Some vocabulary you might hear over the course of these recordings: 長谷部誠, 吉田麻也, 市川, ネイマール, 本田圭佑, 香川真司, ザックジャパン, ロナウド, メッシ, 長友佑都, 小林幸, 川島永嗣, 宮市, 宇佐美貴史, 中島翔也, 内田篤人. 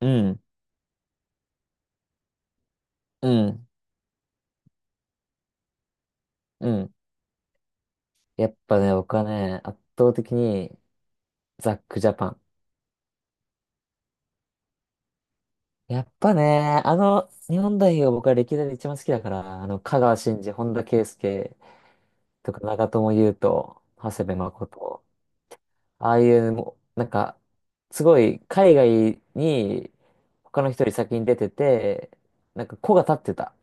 うん、うん、うん。やっぱね、僕はね、圧倒的にザックジャパン。やっぱね、日本代表が僕は歴代で一番好きだから、香川真司、本田圭佑とか長友佑都、長谷部誠、ああいう、もう、なんか、すごい海外に他の人より先に出てて、なんか子が立ってた。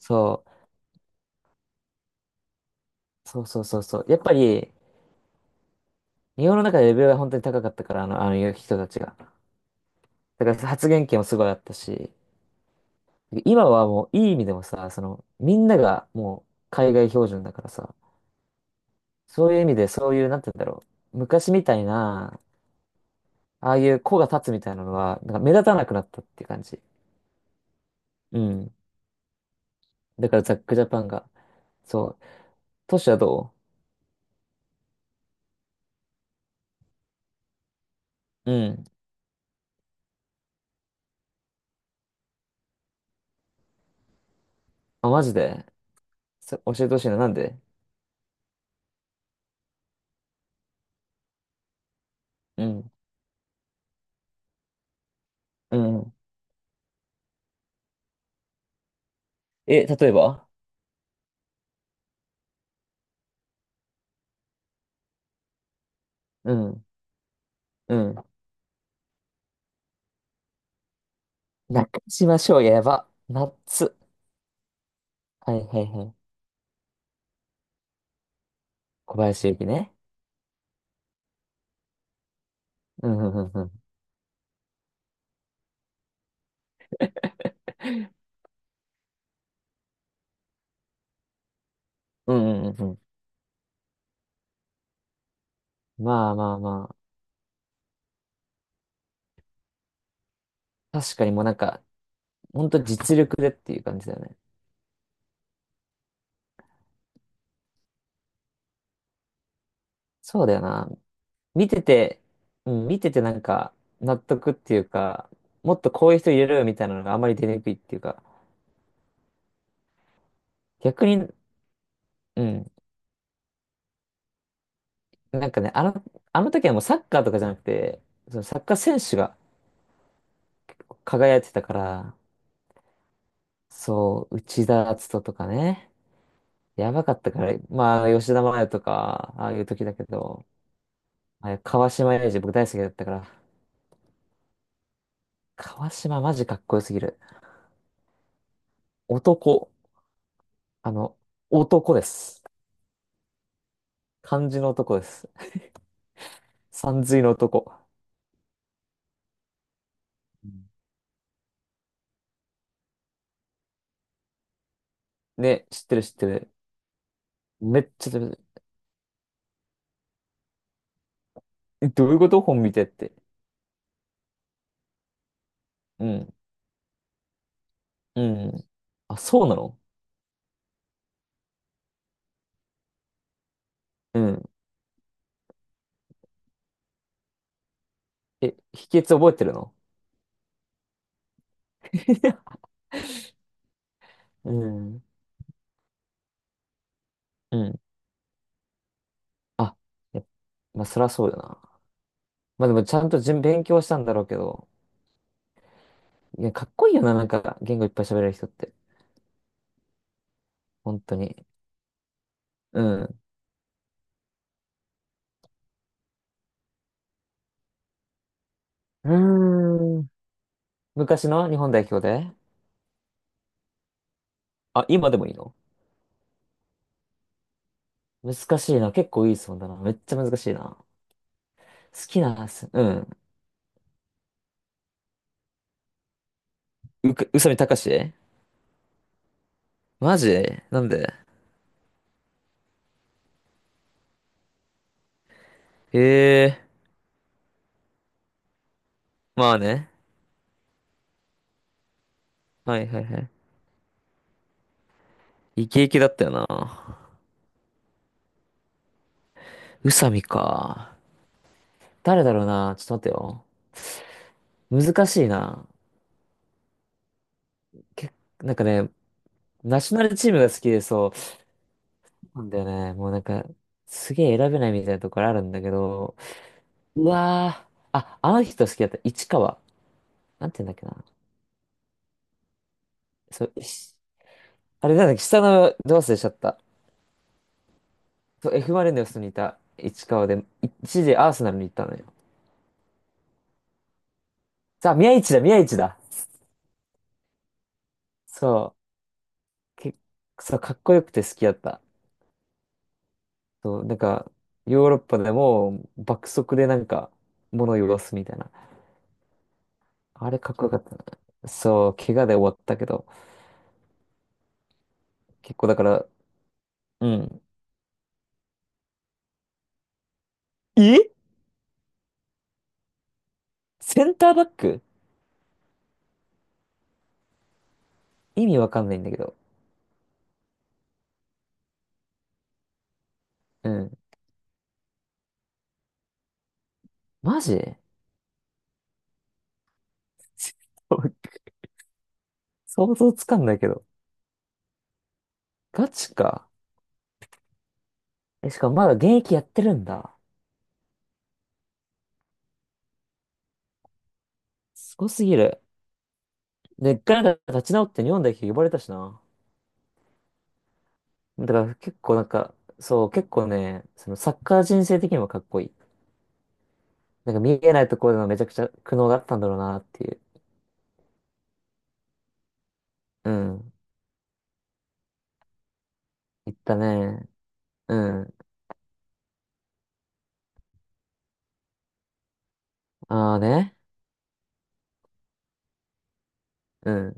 そう、そうそうそうそう。やっぱり、日本の中でレベルが本当に高かったから、あの人たちが。だから発言権もすごいあったし、今はもういい意味でもさ、みんながもう海外標準だからさ、そういう意味でそういう、なんて言うんだろう。昔みたいな、ああいう子が立つみたいなのは、なんか目立たなくなったっていう感じ。うん。だからザックジャパンが。そう。トシはどう？うん。あ、マジで教えてほしいな。なんで？うん。うん。え、例えば？うん。うん。中島翔也やば。ナッツ。はいはいはい。小林幸ね。うんうんうんうん。うんうんうんうん。まあまあまあ。確かにもうなんか、ほんと実力でっていう感じだよね。そうだよな。見てて、うん、見ててなんか、納得っていうか、もっとこういう人入れろよみたいなのがあまり出にくいっていうか、逆に、うん、なんかね、あの時はもうサッカーとかじゃなくて、そのサッカー選手が輝いてたから、そう、内田篤人とかね、やばかったから、まあ、吉田麻也とか、ああいう時だけど、あれ川島永嗣僕大好きだったから、川島マジかっこよすぎる。男。あの、男です。漢字の男です。さんずいの男。うんね、知ってる知ってる。めっちゃ知ってる、えどういうこと本見てって。うん。うん。あ、そうなの？うん。え、秘訣覚えてるの？ うん。うん。あ、やまあ、そりゃそうだな。まあでも、ちゃんと勉強したんだろうけど。いや、かっこいいよな、なんか、言語いっぱい喋れる人って。本当に。うん。うーん。昔の日本代表で？あ、今でもいいの？難しいな。結構いい質問だな。めっちゃ難しいな。好きなす、うん。宇佐美貴？マジなんで？へえ、まあね。はいはいはい。イケイケだったよな。宇佐美か。誰だろうな。ちょっと待ってよ。難しいな。け、なんかね、ナショナルチームが好きでそう。そうなんだよね。もうなんか、すげえ選べないみたいなところあるんだけど。うわー。あ、あの人好きだった。市川。なんて言うんだっけな。そう、あれなんだっけ、下のド忘れしちゃった。そう、F・マリノスにいた市川で、一時アーセナルに行ったのよ。さあ、宮市だ、宮市だ。そう、そう、かっこよくて好きだった。そう、なんか、ヨーロッパでも爆速でなんか、物を言すみたいな。あれかっこよかったな。そう、怪我で終わったけど、結構だから、うん。えセンターバック？意味わかんないんだけど。うん。マジ？ 想像つかんないけど。ガチか。え、しかもまだ現役やってるんだ。すごすぎる。で、一回なんか立ち直って日本代表呼ばれたしな。だから結構なんか、そう、結構ね、そのサッカー人生的にもかっこいい。なんか見えないところでのめちゃくちゃ苦悩があったんだろうなっていう。うん。言ったね。うん。ああね。うん。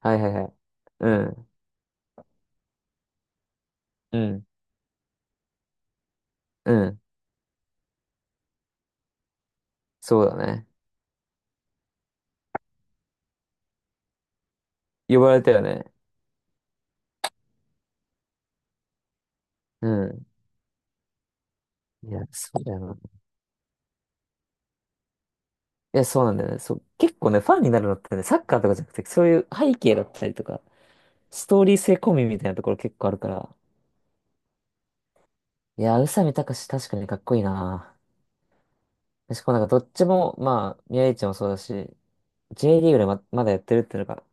はいはいはい。うん。うん。うん。そうだね。呼ばれたよね。うん。いや、そうだよな。いや、そうなんだよね。そう、結構ね、ファンになるのってね、サッカーとかじゃなくて、そういう背景だったりとか、ストーリー性込みみたいなところ結構あるから、いやー、宇佐美貴史確かにかっこいいな。しかもなんかどっちも、まあ、宮市もそうだし、J リーグでまだやってるっていうのが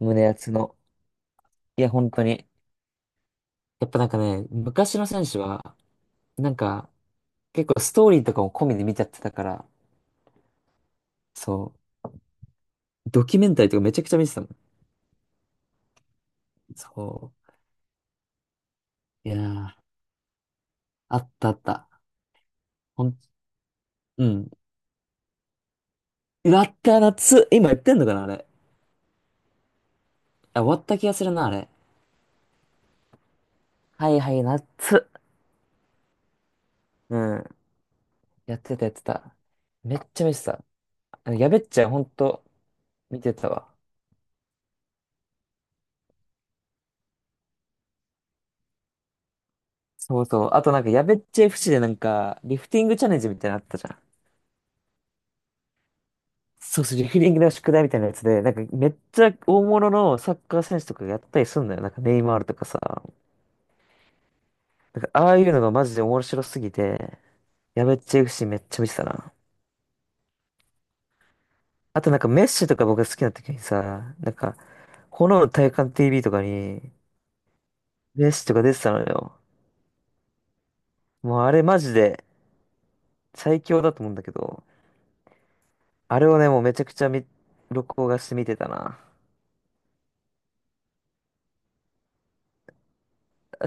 胸熱の。いや、本当に。やっぱなんかね、昔の選手は、なんか、結構ストーリーとかも込みで見ちゃってたから、そう、ドキュメンタリーとかめちゃくちゃ見てたもん。そう。いやー、あったあった。ほん、うん。うわった夏。今やってんのかな、あれ。あ、終わった気がするな、あれ。はいはい、夏。うん。やってたやってた。めっちゃ見てた。あのやべっちゃんほんと見てたわ。そうそう。あとなんかやべっちゃ f でなんか、リフティングチャレンジみたいなのあったじゃん。そうそう、リフティングの宿題みたいなやつで、なんかめっちゃ大物のサッカー選手とかがやったりすんだよ。なんかネイマールとかさ。なんかああいうのがマジで面白すぎて、やべっちゃシーめっちゃ見てたな。あとなんかメッシとか僕が好きな時にさ、なんか、炎の体感 TV とかにメッシとか出てたのよ。もうあれマジで最強だと思うんだけど。あれをね、もうめちゃくちゃ録画して見てたな。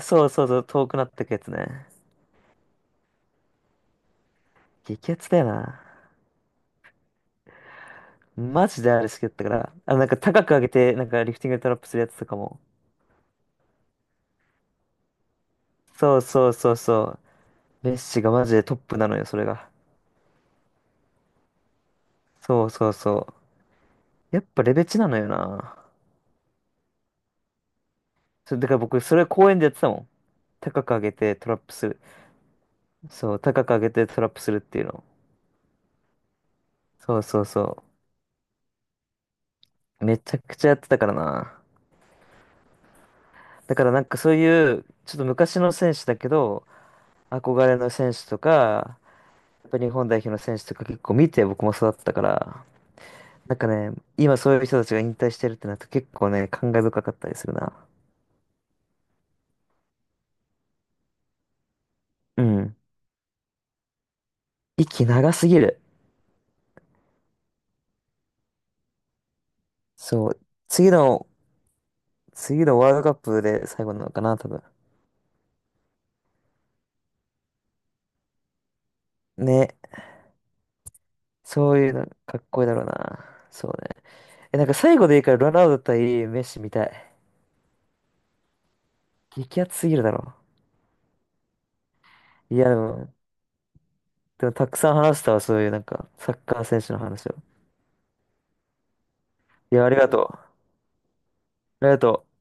そうそうそう、遠くなってくやつね。激アツだよな。マジであれ好きだったから。なんか高く上げて、なんかリフティングでトラップするやつとかも。そうそうそうそう。メッシがマジでトップなのよ、それが。そうそうそう。やっぱレベチなのよな。そう、だから僕、それ公園でやってたもん。高く上げてトラップする。そう、高く上げてトラップするっていうの。そうそうそう。めちゃくちゃやってたからな。だからなんかそういう、ちょっと昔の選手だけど、憧れの選手とか、やっぱ日本代表の選手とか結構見て僕も育ったから、なんかね、今そういう人たちが引退してるってなると結構ね、感慨深かったりするな。うん。息長すぎる。そう。次の、次のワールドカップで最後なのかな、多分。ね。そういうの、かっこいいだろうな。そうね。え、なんか最後でいいからロナウド対メッシみたい。激アツすぎるだろ。いや、でもたくさん話したわ、そういうなんか、サッカー選手の話を。いや、ありがとう。ありがとう。